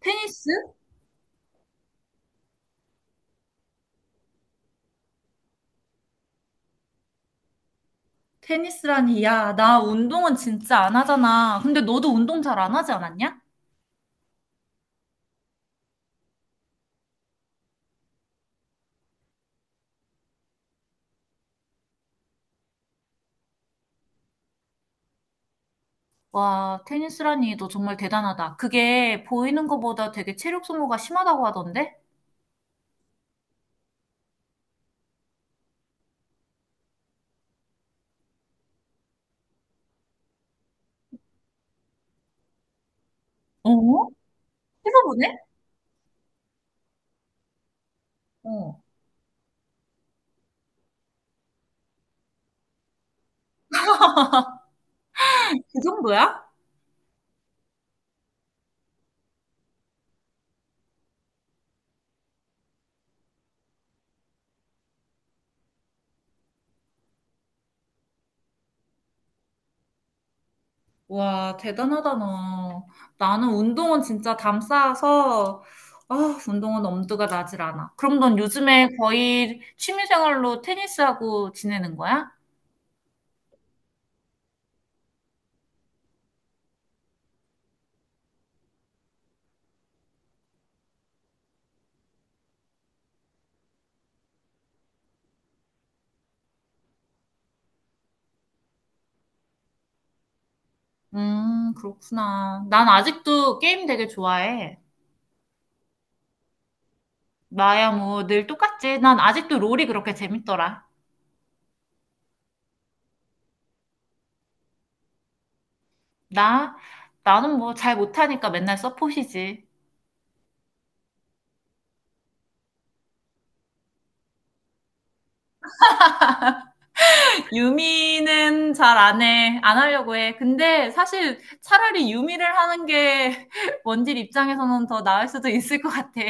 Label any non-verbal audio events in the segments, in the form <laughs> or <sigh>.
테니스? 테니스라니, 야, 나 운동은 진짜 안 하잖아. 근데 너도 운동 잘 안 하지 않았냐? 와, 테니스라니, 너 정말 대단하다. 그게 보이는 것보다 되게 체력 소모가 심하다고 하던데? 어? 해서보네? 어. 그 정도야? 와, 대단하다, 너. 나는 운동은 진짜 담 쌓아서, 아, 운동은 엄두가 나질 않아. 그럼 넌 요즘에 거의 취미생활로 테니스하고 지내는 거야? 그렇구나. 난 아직도 게임 되게 좋아해. 나야 뭐 늘 똑같지. 난 아직도 롤이 그렇게 재밌더라. 나, 나는 뭐 잘 못하니까 맨날 서폿이지. 유미는 잘 안 해. 안 하려고 해. 근데 사실 차라리 유미를 하는 게 <laughs> 원딜 입장에서는 더 나을 수도 있을 것 같아.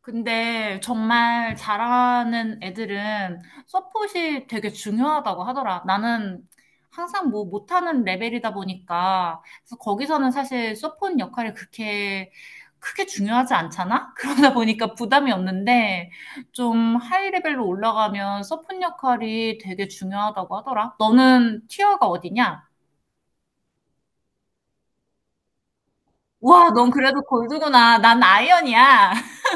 근데 정말 잘하는 애들은 서폿이 되게 중요하다고 하더라. 나는 항상 뭐 못하는 레벨이다 보니까 그래서 거기서는 사실 서폿 역할이 그렇게 크게 중요하지 않잖아? <laughs> 그러다 보니까 부담이 없는데 좀 하이 레벨로 올라가면 서폿 역할이 되게 중요하다고 하더라. 너는 티어가 어디냐? 와, 넌 그래도 골드구나. 난 아이언이야. <laughs>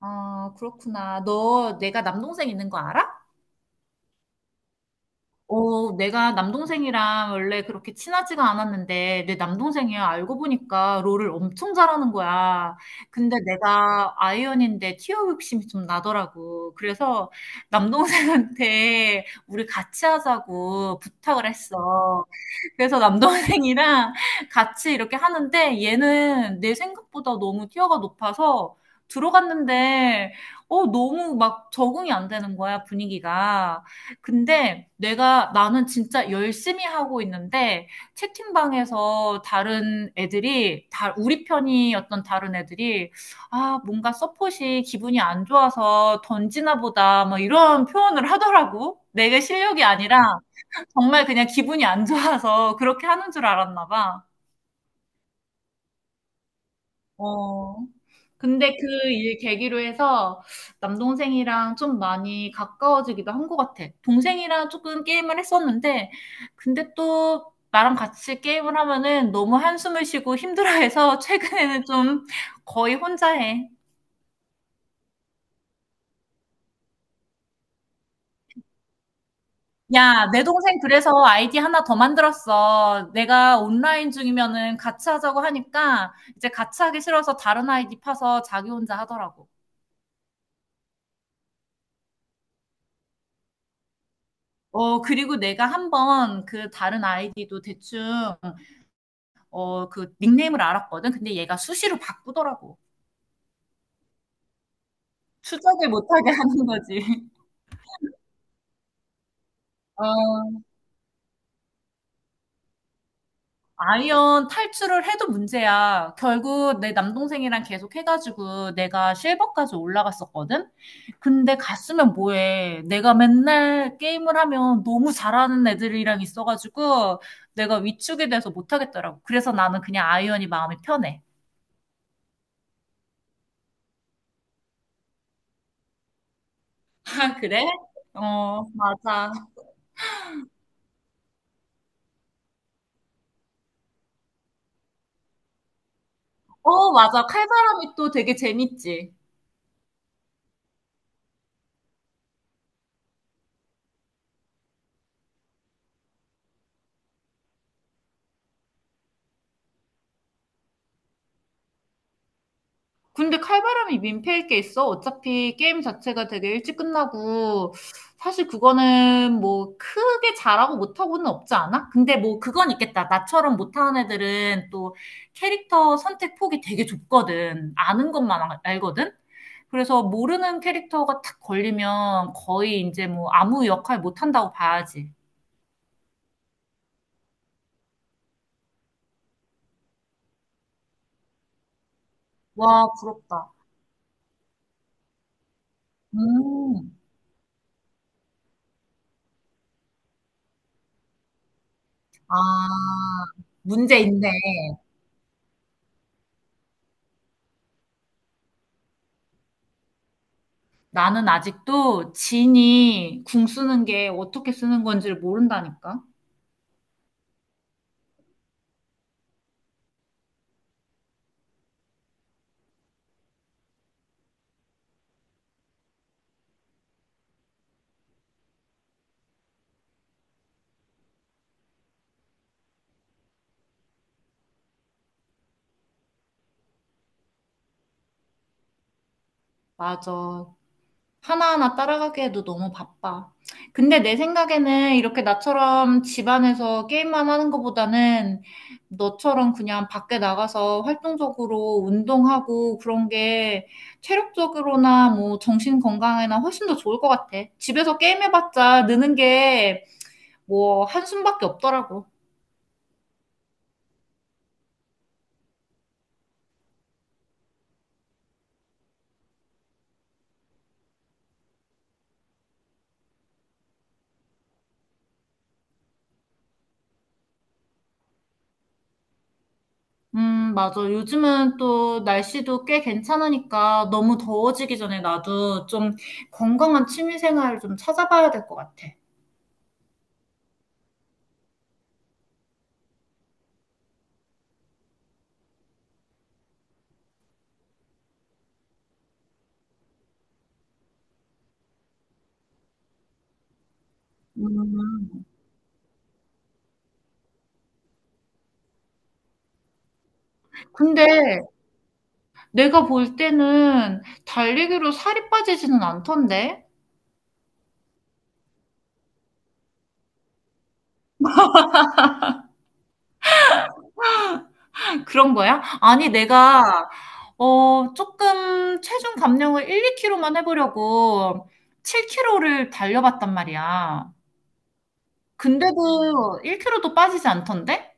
아, 그렇구나. 너 내가 남동생 있는 거 알아? 어, 내가 남동생이랑 원래 그렇게 친하지가 않았는데, 내 남동생이야. 알고 보니까 롤을 엄청 잘하는 거야. 근데 내가 아이언인데 티어 욕심이 좀 나더라고. 그래서 남동생한테 우리 같이 하자고 부탁을 했어. 그래서 남동생이랑 같이 이렇게 하는데, 얘는 내 생각보다 너무 티어가 높아서 들어갔는데, 너무 막 적응이 안 되는 거야, 분위기가. 근데 내가 나는 진짜 열심히 하고 있는데 채팅방에서 다른 애들이 다 우리 편이었던 다른 애들이 아 뭔가 서폿이 기분이 안 좋아서 던지나 보다 뭐 이런 표현을 하더라고. 내게 실력이 아니라 정말 그냥 기분이 안 좋아서 그렇게 하는 줄 알았나 봐. 어. 근데 그 일 계기로 해서 남동생이랑 좀 많이 가까워지기도 한 것 같아. 동생이랑 조금 게임을 했었는데, 근데 또 나랑 같이 게임을 하면은 너무 한숨을 쉬고 힘들어해서 <laughs> 최근에는 좀 거의 혼자 해. 야, 내 동생 그래서 아이디 하나 더 만들었어. 내가 온라인 중이면은 같이 하자고 하니까 이제 같이 하기 싫어서 다른 아이디 파서 자기 혼자 하더라고. 어, 그리고 내가 한번 그 다른 아이디도 대충, 어, 그 닉네임을 알았거든. 근데 얘가 수시로 바꾸더라고. 추적을 못하게 하는 거지. <laughs> 어, 아이언 탈출을 해도 문제야. 결국 내 남동생이랑 계속 해가지고 내가 실버까지 올라갔었거든? 근데 갔으면 뭐해. 내가 맨날 게임을 하면 너무 잘하는 애들이랑 있어가지고 내가 위축이 돼서 못하겠더라고. 그래서 나는 그냥 아이언이 마음이 편해. 아 그래? 어 맞아. 어 맞아. 칼바람이 또 되게 재밌지. 근데 칼바람이 민폐일 게 있어? 어차피 게임 자체가 되게 일찍 끝나고 사실 그거는 뭐 크게 잘하고 못하고는 없지 않아? 근데 뭐 그건 있겠다. 나처럼 못하는 애들은 또 캐릭터 선택 폭이 되게 좁거든. 아는 것만 알거든? 그래서 모르는 캐릭터가 탁 걸리면 거의 이제 뭐 아무 역할 못한다고 봐야지. 와, 부럽다. 음. 아, 문제 있네. 나는 아직도 진이 궁 쓰는 게 어떻게 쓰는 건지를 모른다니까. 맞아. 하나하나 따라가기에도 너무 바빠. 근데 내 생각에는 이렇게 나처럼 집안에서 게임만 하는 것보다는 너처럼 그냥 밖에 나가서 활동적으로 운동하고 그런 게 체력적으로나 뭐 정신 건강에나 훨씬 더 좋을 것 같아. 집에서 게임해봤자 느는 게 뭐 한숨밖에 없더라고. 맞아. 요즘은 또 날씨도 꽤 괜찮으니까 너무 더워지기 전에 나도 좀 건강한 취미 생활을 좀 찾아봐야 될 것 같아. 음. 근데 내가 볼 때는 달리기로 살이 빠지지는 않던데? 그런 거야? 아니, 내가, 어, 조금 체중 감량을 1, 2kg만 해보려고 7kg를 달려봤단 말이야. 근데도 1kg도 빠지지 않던데?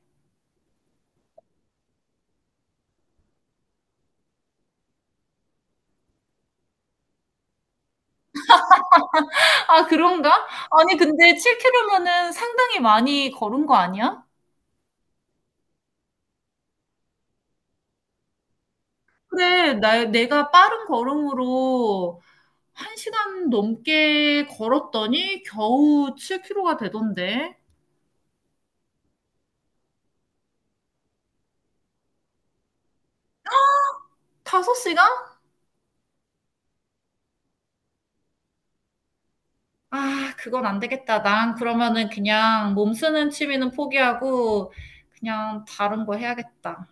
아, 그런가? 아니, 근데 7km면은 상당히 많이 걸은 거 아니야? 내가 빠른 걸음으로 1시간 넘게 걸었더니 겨우 7km가 되던데. 5시간? 아, 그건 안 되겠다. 난 그러면은 그냥 몸 쓰는 취미는 포기하고 그냥 다른 거 해야겠다.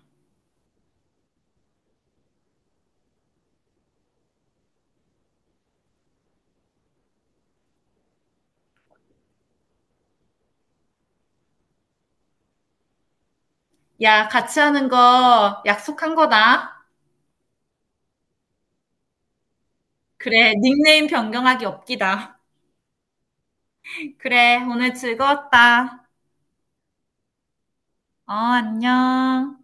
야, 같이 하는 거 약속한 거다. 그래, 닉네임 변경하기 없기다. 그래, 오늘 즐거웠다. 어, 안녕.